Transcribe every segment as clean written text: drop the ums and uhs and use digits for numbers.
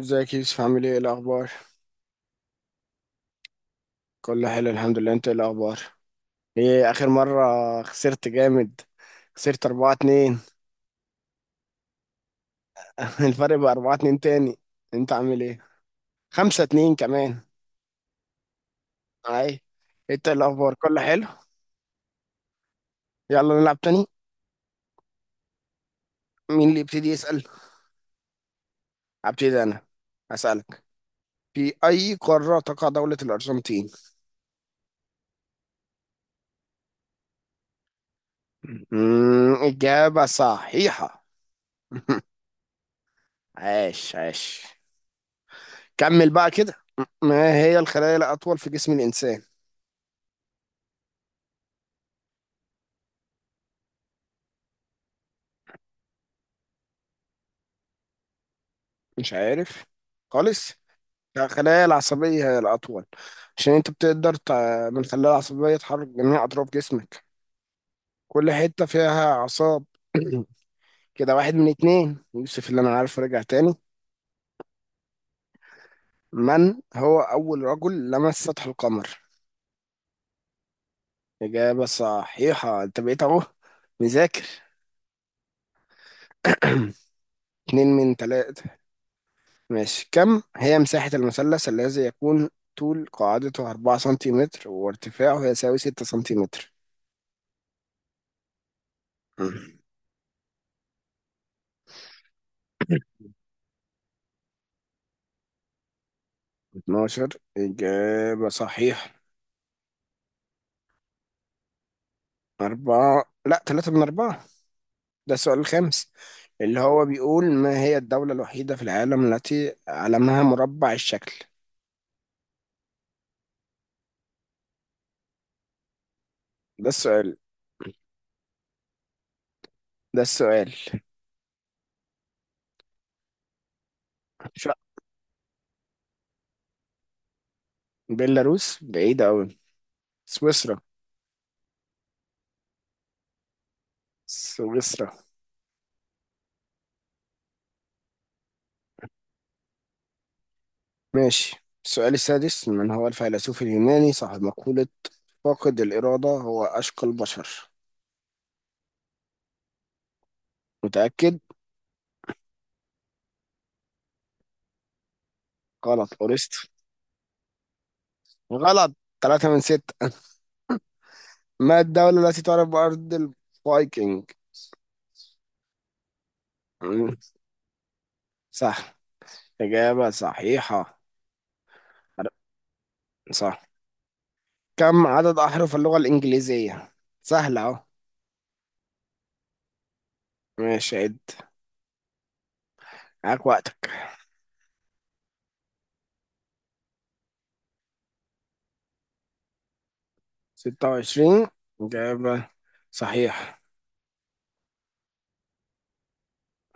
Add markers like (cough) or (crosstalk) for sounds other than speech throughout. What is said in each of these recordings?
ازيك يا يوسف، عامل ايه، إيه الاخبار؟ كله حلو الحمد لله. انت ايه الاخبار؟ ايه، اخر مره خسرت جامد. خسرت 4-2. (laughs) الفرق بقى 4-2 تاني. انت عامل ايه؟ 5-2 كمان. اي، انت إيه الاخبار؟ كله حلو. يلا نلعب تاني. مين اللي يبتدي يسال؟ ابتدي انا. هسالك: في اي قاره تقع دوله الارجنتين؟ اجابه صحيحه. (laughs) عاش عاش. كمل بقى كده. ما هي الخلايا الأطول في جسم الإنسان؟ مش عارف خالص. لا، خلايا العصبية هي الأطول. عشان أنت بتقدر من الخلايا العصبية تحرك جميع أطراف جسمك. كل حتة فيها أعصاب. (clears throat) كده واحد من اتنين يوسف، اللي أنا عارفه رجع تاني. من هو أول رجل لمس سطح القمر؟ إجابة صحيحة، أنت بقيت أهو مذاكر. (clears throat) اتنين من تلاتة. ماشي، كم هي مساحة المثلث الذي يكون طول قاعدته أربعة سنتيمتر وارتفاعه يساوي ستة سنتيمتر؟ 12 إجابة صحيحة. أربعة، لا، ثلاثة من أربعة. ده السؤال الخامس، اللي هو بيقول: ما هي الدولة الوحيدة في العالم التي علمها مربع الشكل؟ ده السؤال ده السؤال. ش- بيلاروس بعيدة أوي. سويسرا. سويسرا. ماشي، السؤال السادس: من هو الفيلسوف اليوناني صاحب مقولة فاقد الإرادة هو أشقى البشر؟ متأكد؟ غلط، أورست، غلط. ثلاثة من ستة. ما الدولة التي تعرف بأرض الفايكنج؟ مم. صح، إجابة صحيحة. صح، كم عدد أحرف اللغة الإنجليزية؟ سهلة أهو. ماشي، عد، معاك وقتك. ستة وعشرين، إجابة صحيح.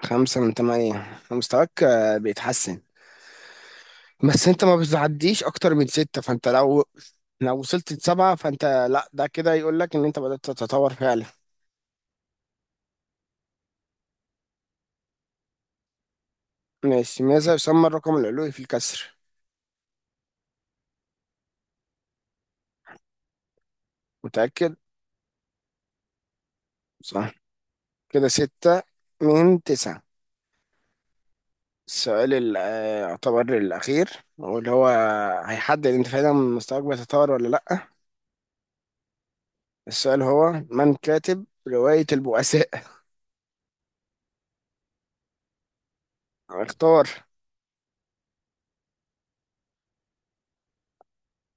خمسة من تمانية. مستواك بيتحسن. بس أنت ما بتعديش أكتر من ستة، فأنت لو وصلت لسبعة فأنت، لا، ده كده يقول لك إن أنت بدأت تتطور فعلا. ماشي، ماذا يسمى الرقم العلوي في الكسر؟ متأكد؟ صح، كده ستة من تسعة. السؤال يعتبر الأخير، واللي هو هيحدد أنت فعلا مستواك بيتطور ولا لأ. السؤال هو: من كاتب رواية البؤساء؟ اختار.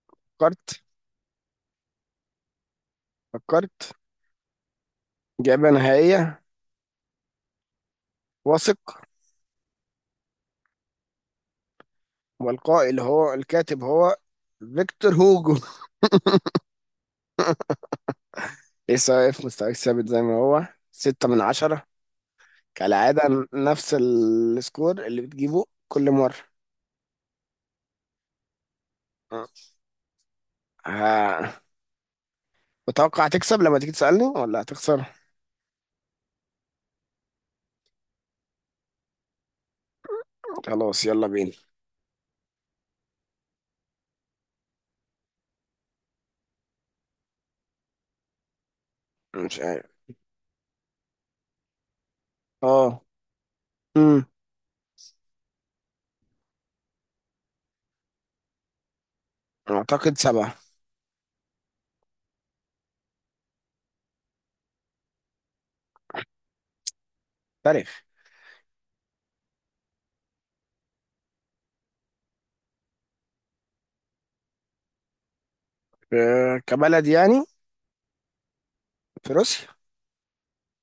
فكرت؟ فكرت؟ إجابة نهائية؟ واثق؟ والقائل، اللي هو الكاتب، هو فيكتور هوجو. (laughs) لسه واقف، مستواك ثابت زي ما هو، ستة من عشرة كالعادة. نفس السكور اللي بتجيبه كل مرة. ها، متوقع تكسب لما تيجي تسألني ولا هتخسر؟ خلاص، يلا بينا. مش عارف. اه. امم. اعتقد سبعة. تاريخ. كبلد يعني؟ في روسيا.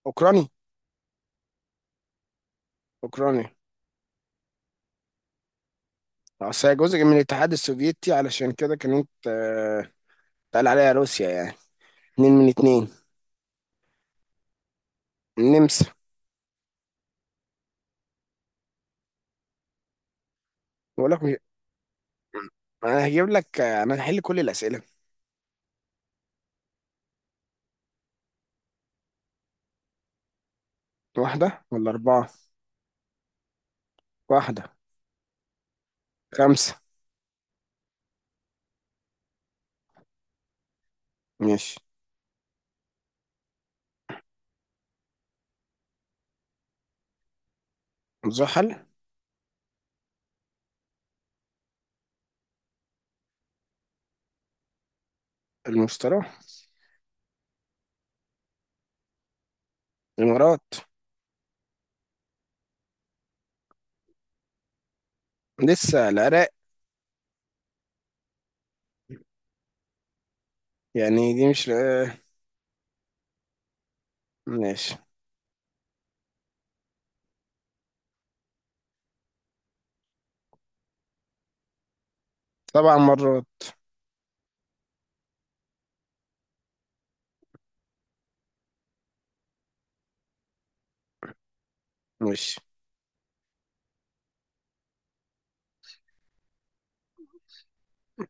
اوكراني. اوكراني. اصل هي جزء من الاتحاد السوفيتي، علشان كده كانت اتقال عليها روسيا يعني. اتنين من اتنين. النمسا. بقول لك انا هجيب لك، انا هحل كل الاسئله. واحده ولا اربعه؟ واحده. خمسه. ماشي. زحل. المشتري. الامارات. لسه، العراق. يعني دي مش ماشي. سبع مرات. ماشي.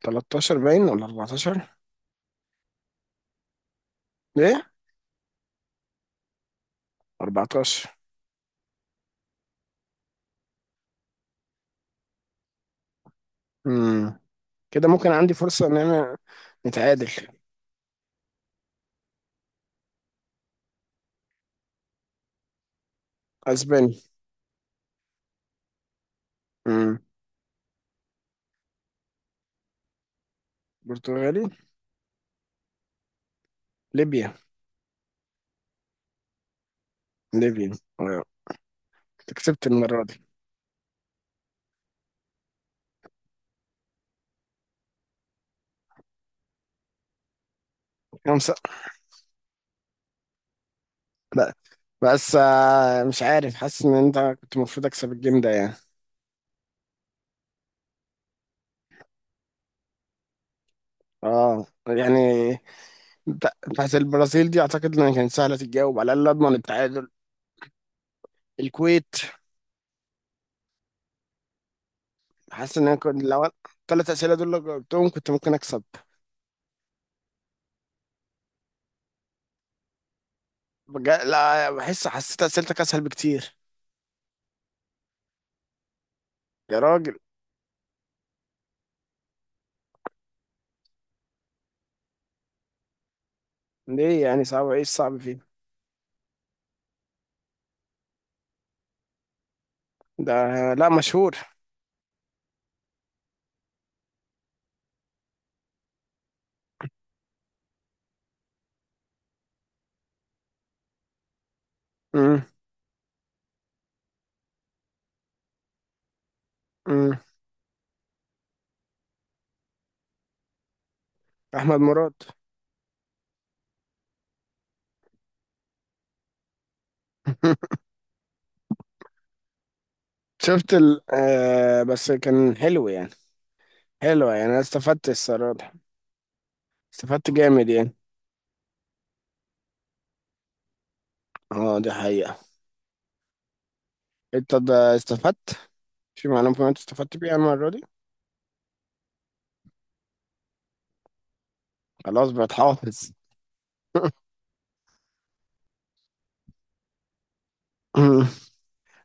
13 باين ولا 14؟ 14. امم. كده ممكن عندي فرصة ان انا نتعادل. اسباني. امم. برتغالي. ليبيا ليبيا. آه، أنت كسبت المرة دي. خمسة. لا، بس مش عارف، حاسس ان انت كنت المفروض اكسب الجيم ده يعني. اه يعني. بتاعت البرازيل دي اعتقد ان كانت سهلة تتجاوب، على الاقل اضمن التعادل. الكويت. حاسس ان انا كنت لو الثلاث اسئلة دول لو جاوبتهم كنت ممكن اكسب. لا، حسيت اسئلتك اسهل بكتير. يا راجل، ليه يعني صعب؟ ايه الصعب فيه؟ ده، لا، مشهور. امم. امم. احمد مراد. (laughs) شفت ال آه بس كان حلو يعني. حلو يعني، انا استفدت الصراحه. استفدت جامد يعني. اه، دي حقيقه. انت ده استفدت في معلومه كمان، انت استفدت بيها المره دي. خلاص، بقت حافظ. (laughs)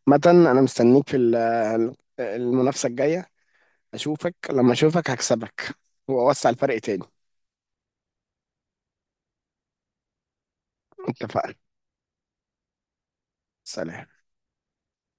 متن، انا مستنيك في المنافسه الجايه. اشوفك لما اشوفك، هكسبك. واوسع الفرق تاني. اتفقنا. سلام.